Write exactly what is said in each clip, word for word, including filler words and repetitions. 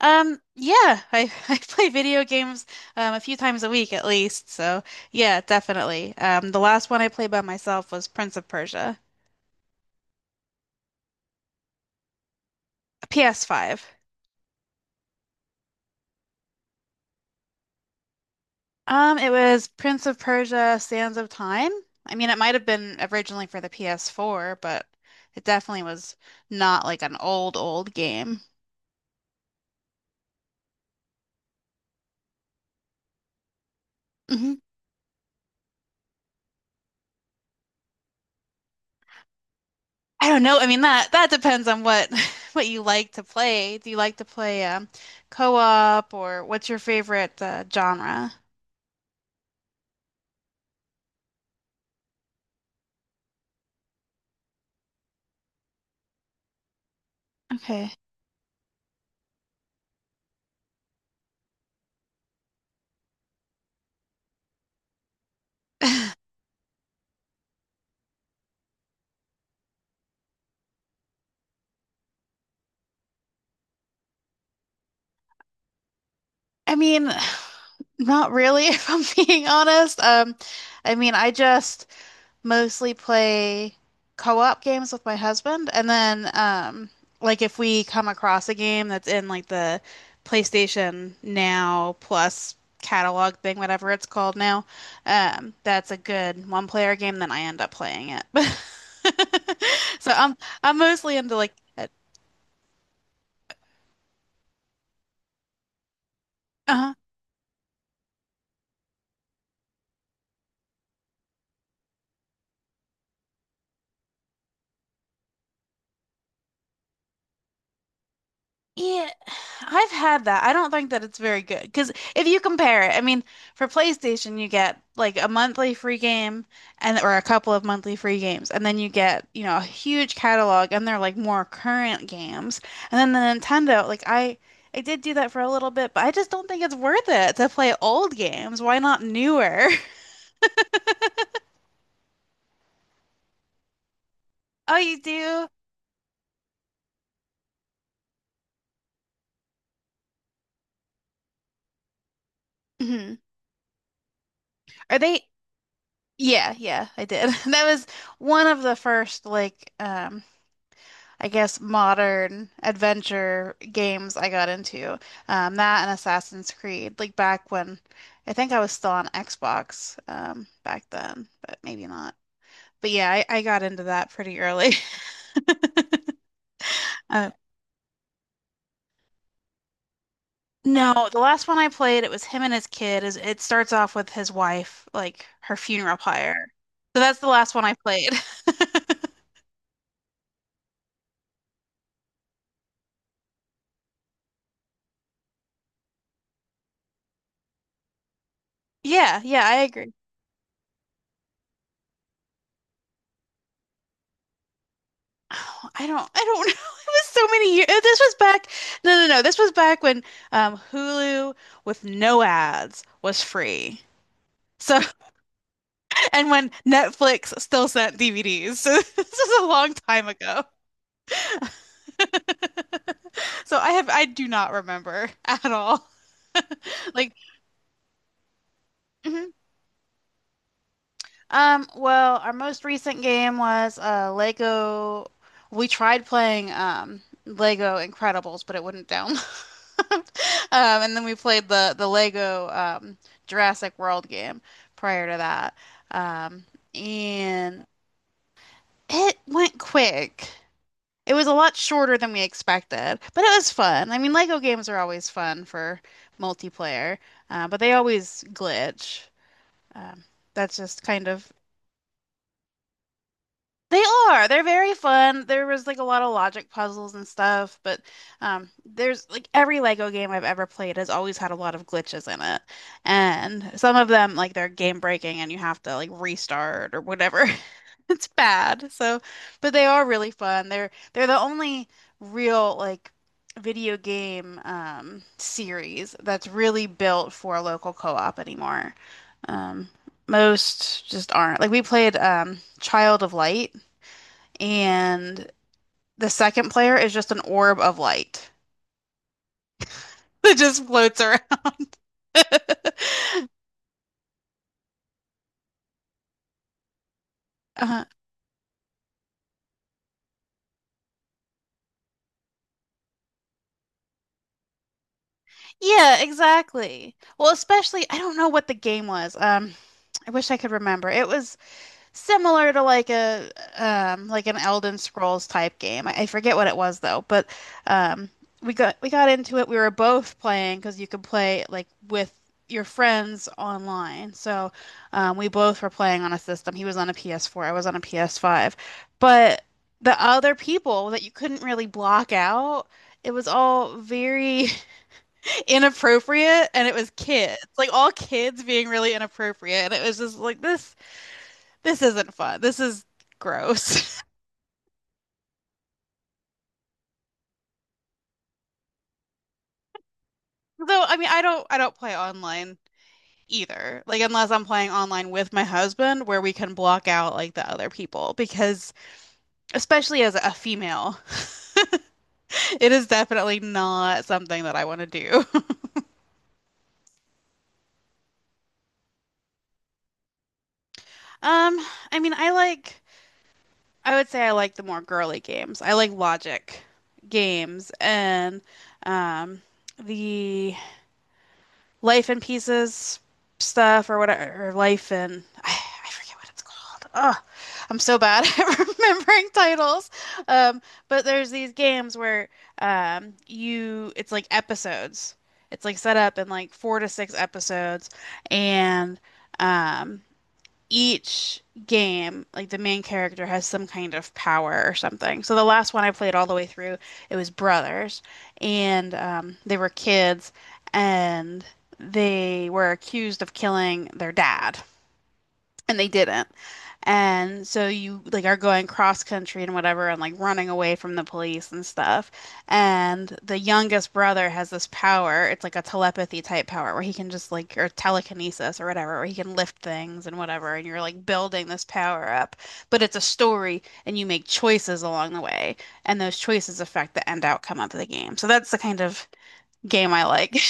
Um, yeah, I, I play video games um, a few times a week at least. So yeah, definitely. Um, the last one I played by myself was Prince of Persia, a P S five. Um, it was Prince of Persia: Sands of Time. I mean, it might have been originally for the P S four, but it definitely was not like an old, old game. Hmm. I don't know. I mean, that that depends on what what you like to play. Do you like to play um, co-op or what's your favorite uh, genre? Okay. I mean, not really, if I'm being honest. Um, I mean, I just mostly play co-op games with my husband, and then um, like if we come across a game that's in like the PlayStation Now Plus catalog thing, whatever it's called now, um, that's a good one-player game, then I end up playing it. So I'm I'm mostly into, like, uh, uh-huh. Yeah, I've had that. I don't think that it's very good because if you compare it, I mean, for PlayStation you get, like a monthly free game and or a couple of monthly free games, and then you get, you know, a huge catalog and they're like more current games. And then the Nintendo, like I I did do that for a little bit, but I just don't think it's worth it to play old games. Why not newer? Oh, you do? Mhm. Are they? Yeah, yeah, I did. That was one of the first like um I guess modern adventure games I got into. Um, that and Assassin's Creed, like back when I think I was still on Xbox um, back then, but maybe not. But yeah, I, I got into that pretty early. Uh, no, the last one I played, it was him and his kid. Is it starts off with his wife, like her funeral pyre. So that's the last one I played. Yeah, yeah, I agree. Oh, I don't I don't know. It was so many years. This was back. No, no, no, this was back when um Hulu with no ads was free. So and when Netflix still sent D V Ds. So this is a long time ago. So I have I do not remember at all. Like. Mhm. Um, well, our most recent game was uh Lego. We tried playing um Lego Incredibles, but it wouldn't download. Um, and then we played the the Lego um Jurassic World game prior to that. Um, and it went quick. It was a lot shorter than we expected, but it was fun. I mean, Lego games are always fun for multiplayer, uh, but they always glitch. Um, that's just kind of. They are. They're very fun. There was like a lot of logic puzzles and stuff, but um, there's like every Lego game I've ever played has always had a lot of glitches in it. And some of them like they're game breaking and you have to like restart or whatever. It's bad. So, but they are really fun. They're they're the only real like video game um series that's really built for a local co-op anymore. Um most just aren't. Like we played um Child of Light and the second player is just an orb of light that just floats around. Uh-huh. Yeah, exactly. Well, especially I don't know what the game was. Um, I wish I could remember. It was similar to like a um like an Elden Scrolls type game. I, I forget what it was though, but um we got we got into it. We were both playing because you could play like with your friends online. So um, we both were playing on a system. He was on a P S four, I was on a P S five. But the other people that you couldn't really block out, it was all very inappropriate and it was kids. Like all kids being really inappropriate. And it was just like this this isn't fun. This is gross. So, I mean, I don't I don't play online either. Like unless I'm playing online with my husband where we can block out like the other people because especially as a female, it is definitely not something that I want to do. Um, I mean, I like I would say I like the more girly games. I like logic games and um the Life in Pieces stuff or whatever, or Life in I, I forget what it's called. Oh, I'm so bad at remembering titles. Um, but there's these games where um, you it's like episodes. It's like set up in like four to six episodes, and um, each game, like the main character has some kind of power or something. So the last one I played all the way through, it was brothers, and um, they were kids, and they were accused of killing their dad and they didn't. And so you like are going cross country and whatever and like running away from the police and stuff. And the youngest brother has this power. It's like a telepathy type power where he can just like or telekinesis or whatever, where he can lift things and whatever and you're like building this power up. But it's a story and you make choices along the way and those choices affect the end outcome of the game. So that's the kind of game I like.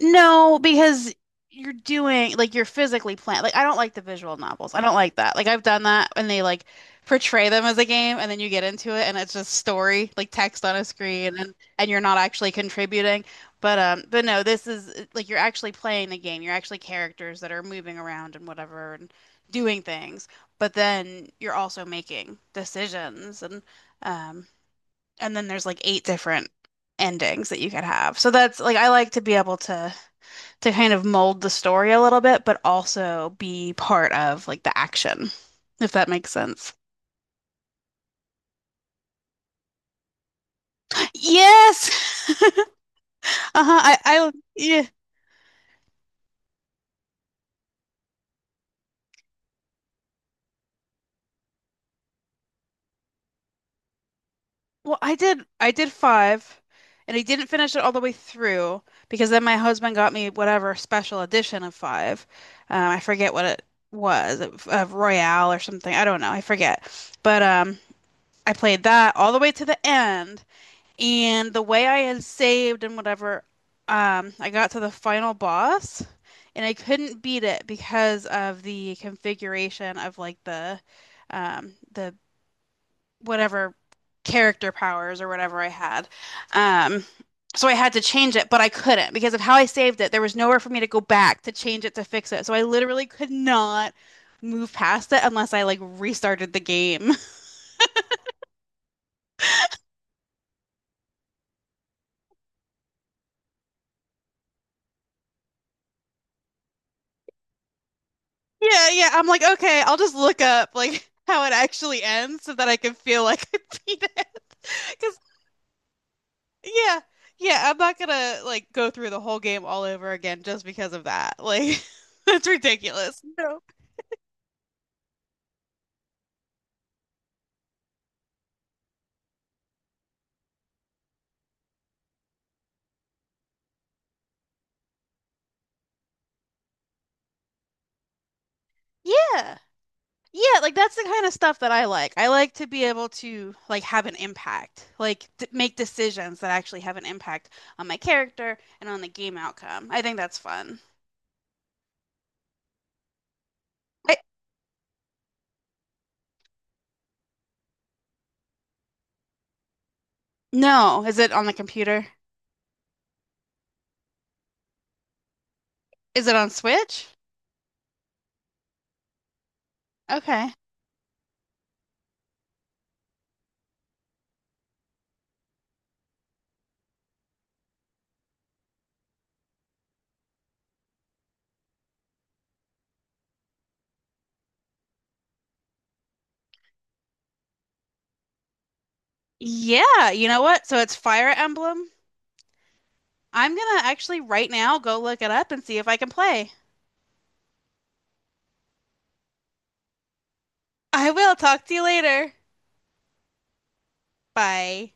No, because you're doing like you're physically playing. Like I don't like the visual novels. I don't like that. Like I've done that and they like portray them as a game and then you get into it and it's just story, like text on a screen and and you're not actually contributing. But um but no, this is like you're actually playing the game. You're actually characters that are moving around and whatever and doing things. But then you're also making decisions and um and then there's like eight different endings that you could have. So that's like I like to be able to to kind of mold the story a little bit, but also be part of like the action, if that makes sense. Yes. Uh-huh. I, I, yeah. Well, I did, I did five, and I didn't finish it all the way through because then my husband got me whatever special edition of five. Um, I forget what it was, of of Royale or something. I don't know. I forget. But um, I played that all the way to the end. And the way I had saved and whatever, um, I got to the final boss and I couldn't beat it because of the configuration of like the um the whatever character powers or whatever I had. Um so I had to change it, but I couldn't because of how I saved it. There was nowhere for me to go back to change it to fix it. So I literally could not move past it unless I like restarted the game. Yeah, yeah. I'm like, okay, I'll just look up like how it actually ends so that I can feel like I beat it. Because yeah, yeah, I'm not gonna like go through the whole game all over again just because of that. Like that's ridiculous. No. Yeah. Yeah, like that's the kind of stuff that I like. I like to be able to like have an impact, like d make decisions that actually have an impact on my character and on the game outcome. I think that's fun. I, no, is it on the computer? Is it on Switch? Okay. Yeah, you know what? So it's Fire Emblem. I'm gonna actually right now go look it up and see if I can play. I will talk to you later. Bye.